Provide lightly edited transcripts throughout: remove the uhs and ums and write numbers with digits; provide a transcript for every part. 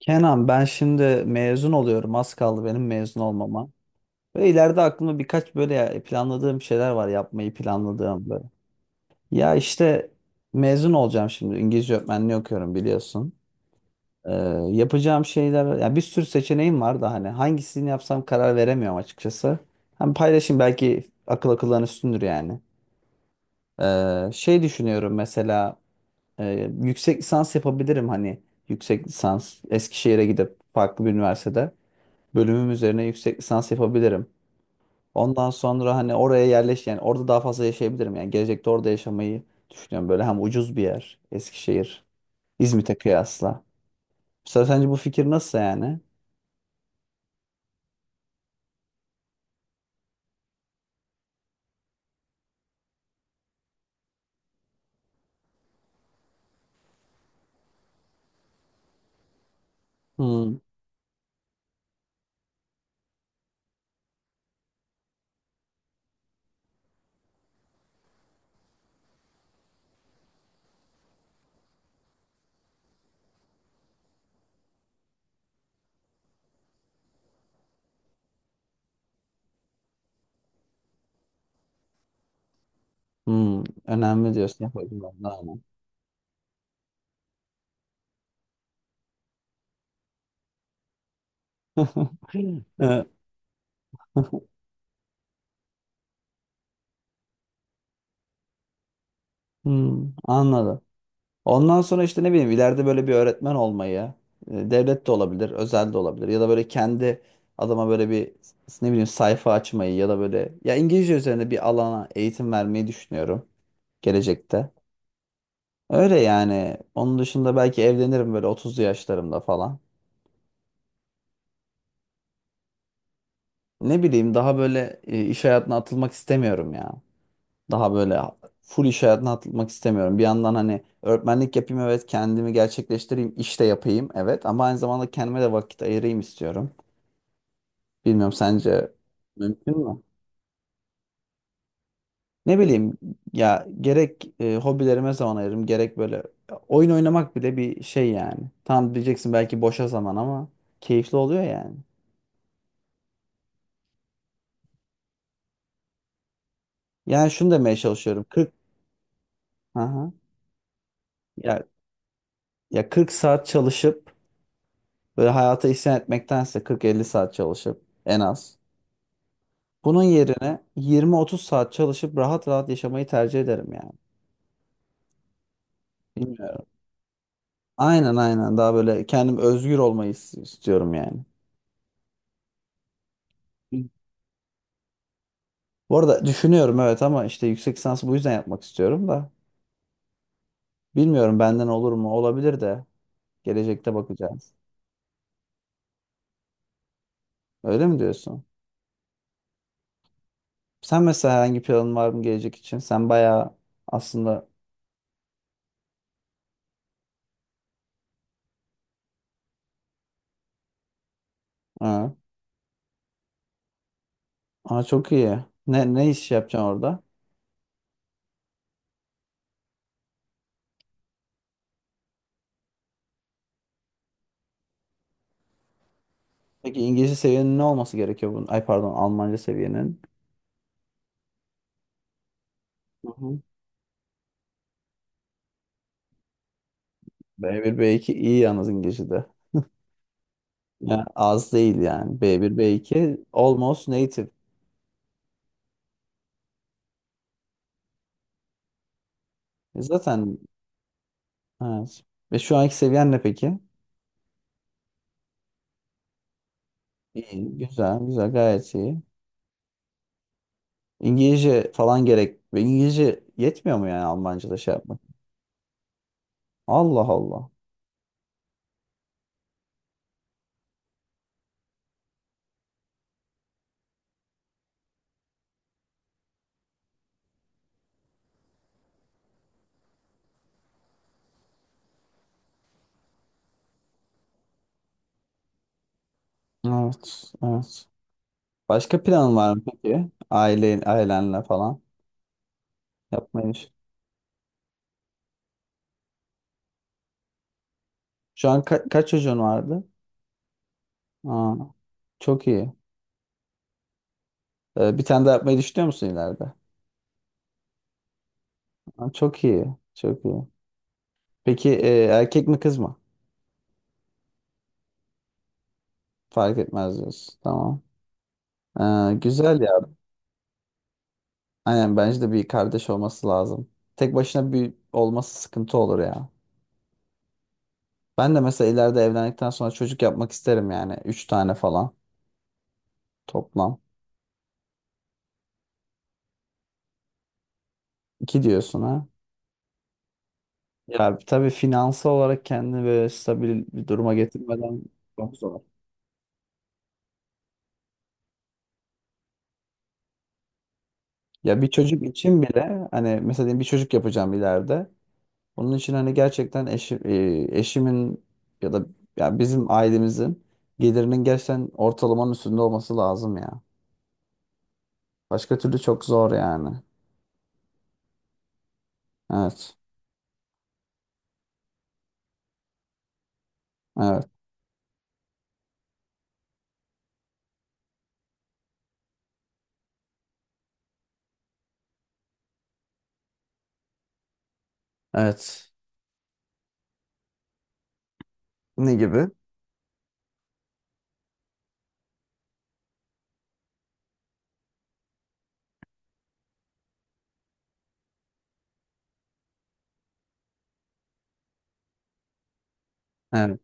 Kenan ben şimdi mezun oluyorum. Az kaldı benim mezun olmama. Ve ileride aklımda birkaç böyle planladığım şeyler var yapmayı planladığım böyle. Ya işte mezun olacağım şimdi. İngilizce öğretmenliği okuyorum biliyorsun. Ee, yapacağım şeyler ya bir sürü seçeneğim var da hani hangisini yapsam karar veremiyorum açıkçası. Hem paylaşayım belki akıl akıldan üstündür yani. Şey düşünüyorum mesela yüksek lisans yapabilirim hani yüksek lisans Eskişehir'e gidip farklı bir üniversitede, bölümüm üzerine yüksek lisans yapabilirim. Ondan sonra hani oraya yerleş yani orada daha fazla yaşayabilirim. Yani gelecekte orada yaşamayı düşünüyorum. Böyle hem ucuz bir yer Eskişehir, İzmit'e kıyasla. Mesela sence bu fikir nasıl yani? Hmm, önemli diyorsun. Yapabilirim. Anladım. Hmm, anladım. Ondan sonra işte ne bileyim ileride böyle bir öğretmen olmayı devlet de olabilir, özel de olabilir ya da böyle kendi adama böyle bir ne bileyim sayfa açmayı ya da böyle ya İngilizce üzerine bir alana eğitim vermeyi düşünüyorum gelecekte. Öyle yani. Onun dışında belki evlenirim böyle 30'lu yaşlarımda falan. Ne bileyim daha böyle iş hayatına atılmak istemiyorum ya. Daha böyle full iş hayatına atılmak istemiyorum. Bir yandan hani öğretmenlik yapayım, evet, kendimi gerçekleştireyim, iş de yapayım, evet, ama aynı zamanda kendime de vakit ayırayım istiyorum. Bilmiyorum, sence mümkün mü? Ne bileyim, ya gerek hobilerime zaman ayırırım gerek böyle oyun oynamak bile bir şey yani. Tam diyeceksin belki boşa zaman ama keyifli oluyor yani. Yani şunu demeye çalışıyorum. 40. Aha. Ya ya 40 saat çalışıp böyle hayata isyan etmektense 40-50 saat çalışıp en az, bunun yerine 20-30 saat çalışıp rahat rahat yaşamayı tercih ederim yani. Bilmiyorum. Aynen, aynen, daha böyle kendim özgür olmayı istiyorum yani. Hı. Bu arada düşünüyorum evet, ama işte yüksek lisansı bu yüzden yapmak istiyorum da. Bilmiyorum, benden olur mu? Olabilir de. Gelecekte bakacağız. Öyle mi diyorsun? Sen mesela herhangi planın var mı gelecek için? Sen bayağı aslında... Ha. Aa, çok iyi. Ne iş yapacaksın orada? Peki İngilizce seviyenin ne olması gerekiyor bunun? Ay pardon, Almanca seviyenin. Hı hı. B1 B2 iyi yalnız İngilizce'de. Yani az değil yani. B1 B2 almost native. Zaten evet. Ve şu anki seviyen ne peki? İyi, güzel, güzel, gayet iyi. İngilizce falan gerek. Ve İngilizce yetmiyor mu yani Almanca'da şey yapmak? Allah Allah. Evet, evet. Başka planın var mı peki? Ailenle falan yapmayı düş- Şu an kaç çocuğun vardı? Aa, çok iyi. Bir tane daha yapmayı düşünüyor musun ileride? Aa, çok iyi, çok iyi. Peki erkek mi kız mı? Fark etmez diyorsun. Tamam. Güzel ya. Aynen, bence de bir kardeş olması lazım. Tek başına bir olması sıkıntı olur ya. Ben de mesela ileride evlendikten sonra çocuk yapmak isterim yani. Üç tane falan toplam. İki diyorsun ha. Ya tabii finansal olarak kendini böyle stabil bir duruma getirmeden çok zor. Ya bir çocuk için bile hani mesela diyelim bir çocuk yapacağım ileride. Onun için hani gerçekten eşimin ya da ya bizim ailemizin gelirinin gerçekten ortalamanın üstünde olması lazım ya. Başka türlü çok zor yani. Evet. Evet. Evet. Ne gibi? Evet.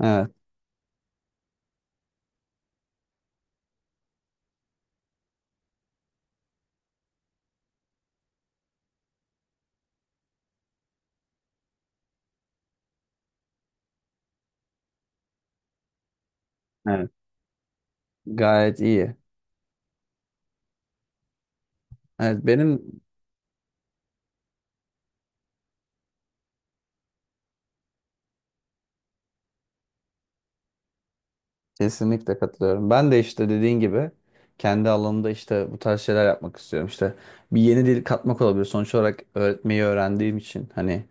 Evet. Evet. Gayet iyi. Evet, benim kesinlikle katılıyorum. Ben de işte dediğin gibi kendi alanımda işte bu tarz şeyler yapmak istiyorum. İşte bir yeni dil katmak olabilir. Sonuç olarak öğretmeyi öğrendiğim için hani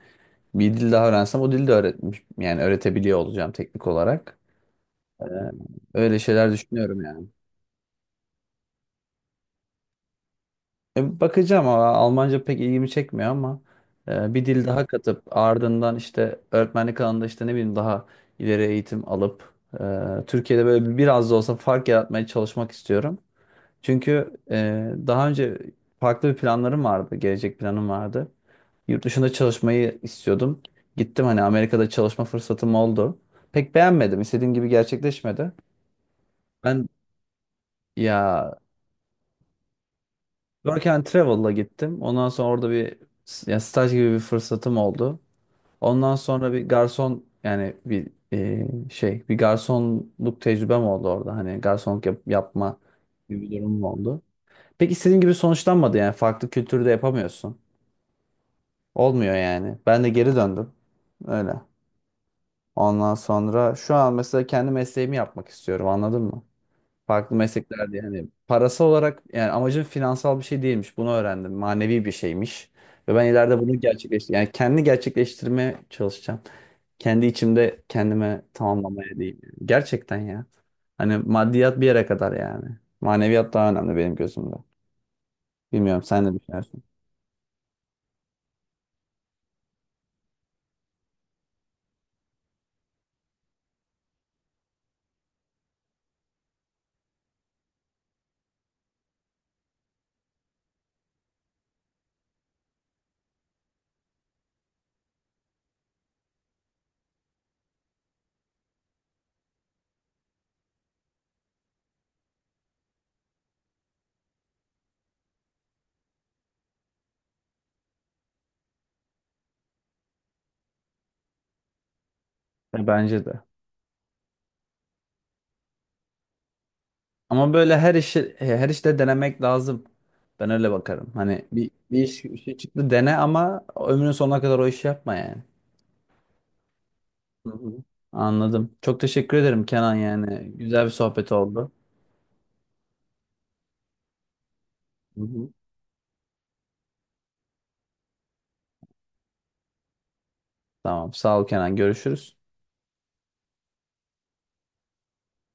bir dil daha öğrensem o dili de öğretmiş yani öğretebiliyor olacağım teknik olarak. Ee, öyle şeyler düşünüyorum yani. Bakacağım ama Almanca pek ilgimi çekmiyor, ama bir dil daha katıp ardından işte öğretmenlik alanında işte ne bileyim daha ileri eğitim alıp Türkiye'de böyle biraz da olsa fark yaratmaya çalışmak istiyorum. Çünkü daha önce farklı bir planlarım vardı, gelecek planım vardı. Yurt dışında çalışmayı istiyordum. Gittim hani, Amerika'da çalışma fırsatım oldu. Pek beğenmedim. İstediğim gibi gerçekleşmedi. Ben ya Work and Travel'la gittim. Ondan sonra orada bir ya staj gibi bir fırsatım oldu. Ondan sonra bir garson yani bir şey, bir garsonluk tecrübem oldu orada. Hani garsonluk yapma gibi bir durumum oldu. Pek istediğim gibi sonuçlanmadı yani. Farklı kültürde yapamıyorsun. Olmuyor yani. Ben de geri döndüm. Öyle. Ondan sonra şu an mesela kendi mesleğimi yapmak istiyorum, anladın mı? Farklı meslekler diye hani parası olarak yani amacım finansal bir şey değilmiş. Bunu öğrendim. Manevi bir şeymiş. Ve ben ileride bunu gerçekleştir yani kendi gerçekleştirmeye çalışacağım. Kendi içimde kendime tamamlamaya değil. Gerçekten ya. Hani maddiyat bir yere kadar yani. Maneviyat daha önemli benim gözümde. Bilmiyorum, sen de düşünüyorsun. Bence de. Ama böyle her işi her işte denemek lazım. Ben öyle bakarım. Hani bir iş bir şey çıktı dene, ama ömrünün sonuna kadar o işi yapma yani. Hı hı. Anladım. Çok teşekkür ederim Kenan yani. Güzel bir sohbet oldu. Hı hı. Tamam. Sağ ol Kenan. Görüşürüz.